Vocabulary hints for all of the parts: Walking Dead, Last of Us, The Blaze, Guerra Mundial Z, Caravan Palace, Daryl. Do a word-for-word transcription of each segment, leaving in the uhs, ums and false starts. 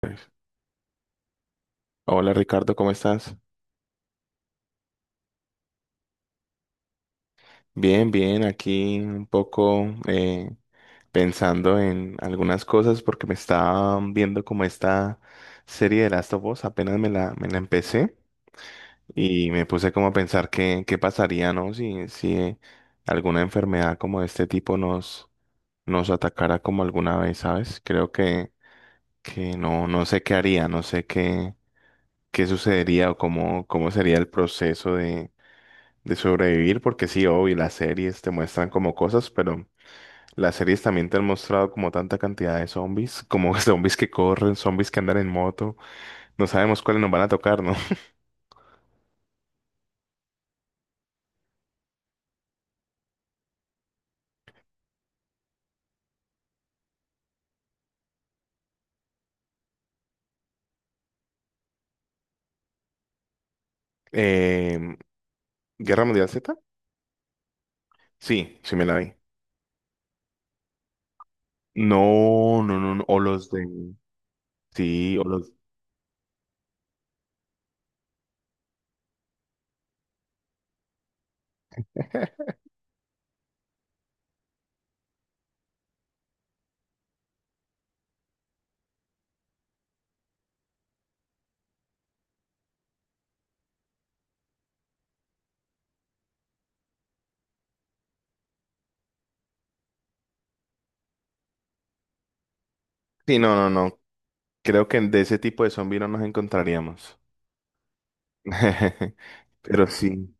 Pues, hola Ricardo, ¿cómo estás? Bien, bien, aquí un poco eh, pensando en algunas cosas porque me estaba viendo como esta serie de Last of Us, apenas me la, me la empecé y me puse como a pensar qué, qué pasaría, ¿no? Si, si alguna enfermedad como de este tipo nos, nos atacara como alguna vez, ¿sabes? Creo que, que no, no sé qué haría, no sé qué, qué sucedería o cómo, cómo sería el proceso de sobrevivir, porque sí, obvio, las series te muestran como cosas, pero las series también te han mostrado como tanta cantidad de zombies, como zombies que corren, zombies que andan en moto, no sabemos cuáles nos van a tocar, ¿no? Eh, ¿Guerra Mundial Z? Sí, sí me la vi. No, no, no, no, o los de... Sí, o los... Sí, no, no, no, creo que de ese tipo de zombies no nos encontraríamos. Pero sí.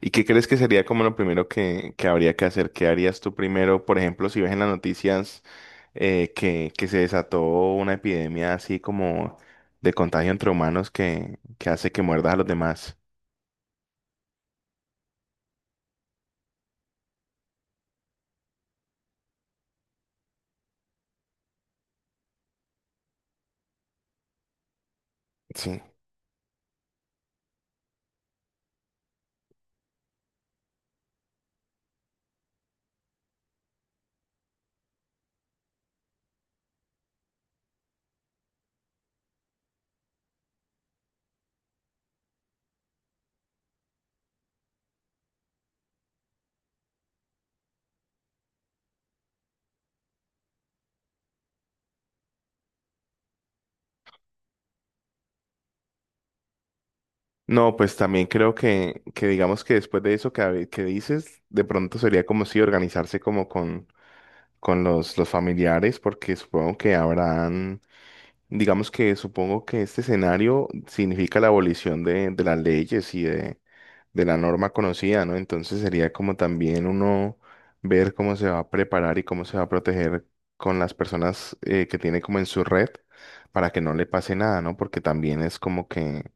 ¿Y qué crees que sería como lo primero que, que habría que hacer? ¿Qué harías tú primero? Por ejemplo, si ves en las noticias eh, que, que se desató una epidemia así como de contagio entre humanos que, que hace que muerdas a los demás. Sí. No, pues también creo que, que digamos que después de eso que, hab- que dices, de pronto sería como si organizarse como con, con los, los familiares, porque supongo que habrán. Digamos que supongo que este escenario significa la abolición de, de las leyes y de, de la norma conocida, ¿no? Entonces sería como también uno ver cómo se va a preparar y cómo se va a proteger con las personas eh, que tiene como en su red para que no le pase nada, ¿no? Porque también es como que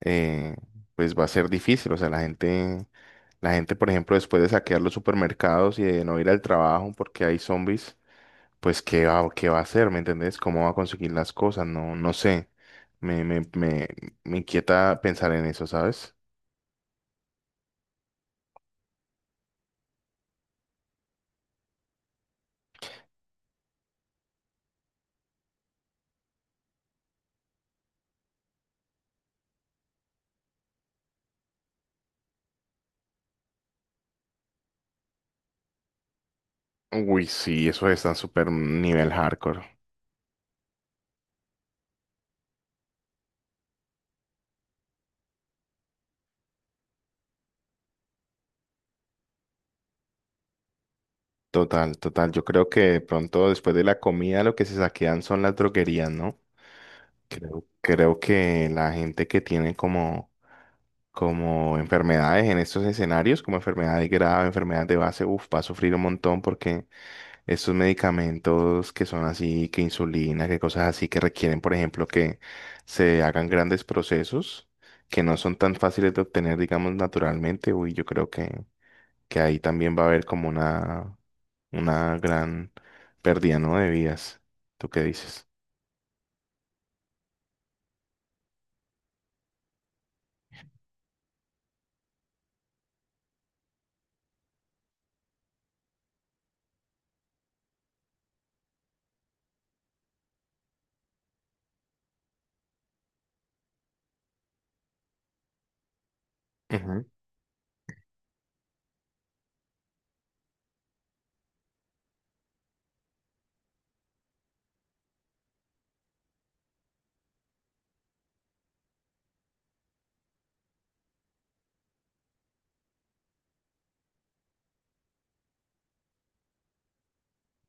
eh, pues va a ser difícil, o sea, la gente, la gente, por ejemplo, después de saquear los supermercados y de no ir al trabajo porque hay zombies pues qué va, qué va a hacer, ¿me entendés? ¿Cómo va a conseguir las cosas? No, no sé. Me, me, me, me inquieta pensar en eso, ¿sabes? Uy, sí, eso está súper nivel hardcore. Total, total. Yo creo que de pronto después de la comida lo que se saquean son las droguerías, ¿no? Creo, creo que la gente que tiene como, como enfermedades en estos escenarios, como enfermedades graves, enfermedades de base, uf, va a sufrir un montón porque estos medicamentos que son así, que insulina, que cosas así que requieren, por ejemplo, que se hagan grandes procesos que no son tan fáciles de obtener, digamos, naturalmente. Uy, yo creo que, que ahí también va a haber como una, una gran pérdida, ¿no? De vidas. ¿Tú qué dices? Ujú.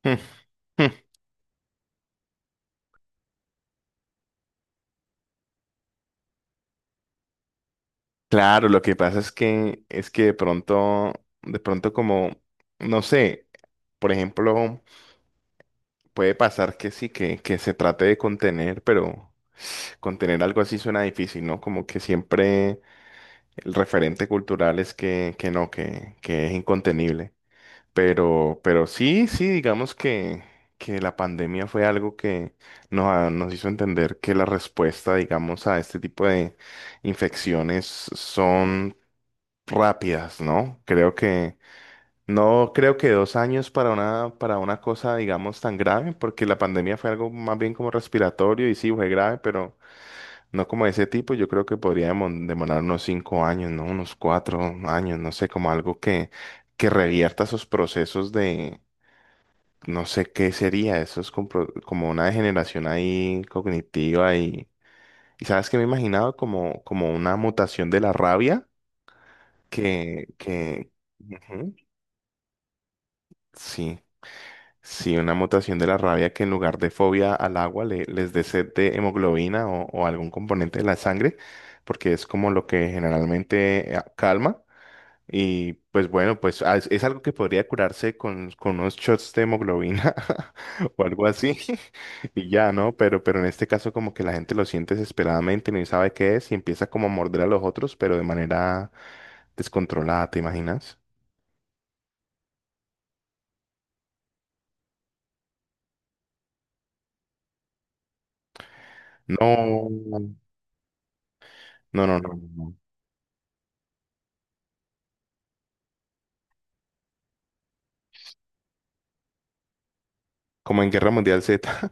Mm, mm. Claro, lo que pasa es que es que de pronto, de pronto como, no sé, por ejemplo, puede pasar que sí, que, que se trate de contener, pero contener algo así suena difícil, ¿no? Como que siempre el referente cultural es que, que no, que, que es incontenible. Pero, pero sí, sí, digamos que, que la pandemia fue algo que nos, ha- nos hizo entender que la respuesta, digamos, a este tipo de infecciones son rápidas, ¿no? Creo que, no creo que dos años para una, para una cosa, digamos, tan grave, porque la pandemia fue algo más bien como respiratorio y sí, fue grave, pero... No como ese tipo, yo creo que podríamos demorar unos cinco años, ¿no? Unos cuatro años, no sé, como algo que, que revierta esos procesos de, no sé qué sería, eso es compro- como, una degeneración ahí cognitiva y, y ¿sabes qué me he imaginado? Como, como una mutación de la rabia que, que, ujú, sí, sí, una mutación de la rabia que en lugar de fobia al agua le- les dé sed de hemoglobina o, o algún componente de la sangre, porque es como lo que generalmente eh, calma. Y pues bueno, pues ah, es, es algo que podría curarse con, con unos shots de hemoglobina o algo así. Y ya, ¿no? Pero, pero en este caso como que la gente lo siente desesperadamente, no sabe qué es y empieza como a morder a los otros, pero de manera descontrolada, ¿te imaginas? No, no, no, no. no. no. Como en guerra mundial zeta.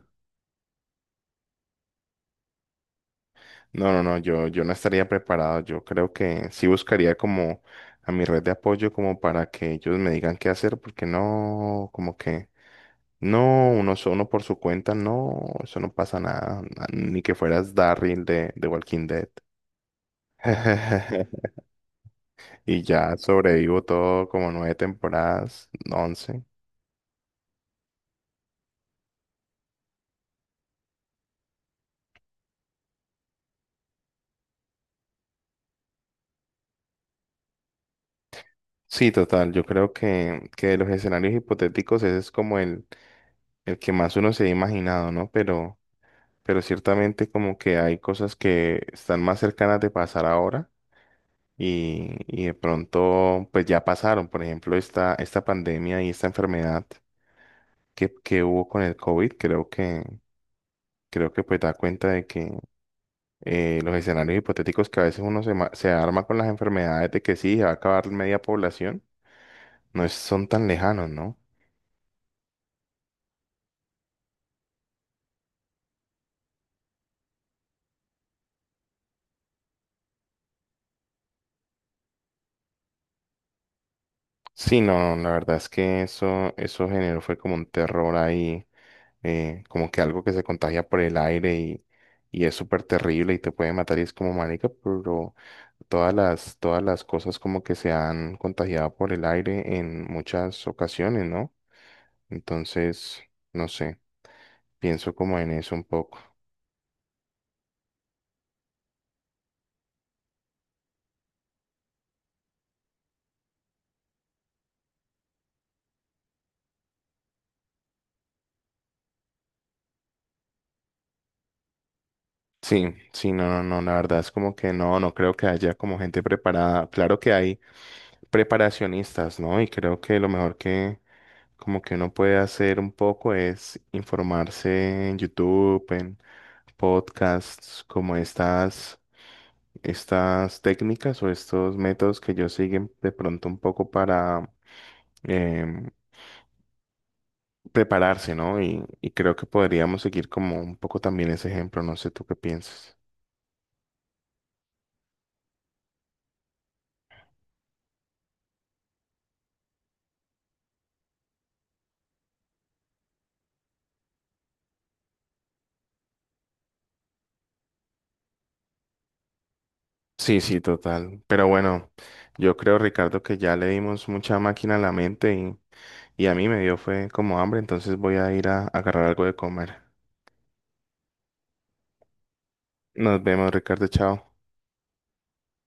No, no, no, yo, yo no estaría preparado. Yo creo que sí buscaría como a mi red de apoyo como para que ellos me digan qué hacer, porque no, como que no, uno solo por su cuenta, no, eso no pasa nada, na- ni que fueras Daryl de, de Walking Dead. Y ya sobrevivo todo como nueve temporadas, once. Sí, total, yo creo que, que de los escenarios hipotéticos ese es como el, el que más uno se ha imaginado, ¿no? Pero... pero ciertamente como que hay cosas que están más cercanas de pasar ahora y, y de pronto pues ya pasaron. Por ejemplo, esta, esta pandemia y esta enfermedad que, que hubo con el COVID, creo que, creo que pues da cuenta de que eh, los escenarios hipotéticos que a veces uno se, ma- se arma con las enfermedades de que sí, se va a acabar media población, no es- son tan lejanos, ¿no? Sí, no, la verdad es que eso, eso generó fue como un terror ahí eh, como que algo que se contagia por el aire y, y es súper terrible y te puede matar y es como marica, pero todas las, todas las cosas como que se han contagiado por el aire en muchas ocasiones, ¿no? Entonces, no sé, pienso como en eso un poco. Sí, sí, no, no, no, la verdad es como que no, no creo que haya como gente preparada. Claro que hay preparacionistas, ¿no? Y creo que lo mejor que, como que uno puede hacer un poco es informarse en YouTube, en podcasts, como estas, estas técnicas o estos métodos que ellos siguen de pronto un poco para em, prepararse, ¿no? Y, y creo que podríamos seguir como un poco también ese ejemplo, no sé tú qué piensas. Sí, sí, total. Pero bueno, yo creo, Ricardo, que ya le dimos mucha máquina a la mente y, y a mí me dio fue como hambre, entonces voy a ir a agarrar algo de comer. Nos vemos, Ricardo, chao.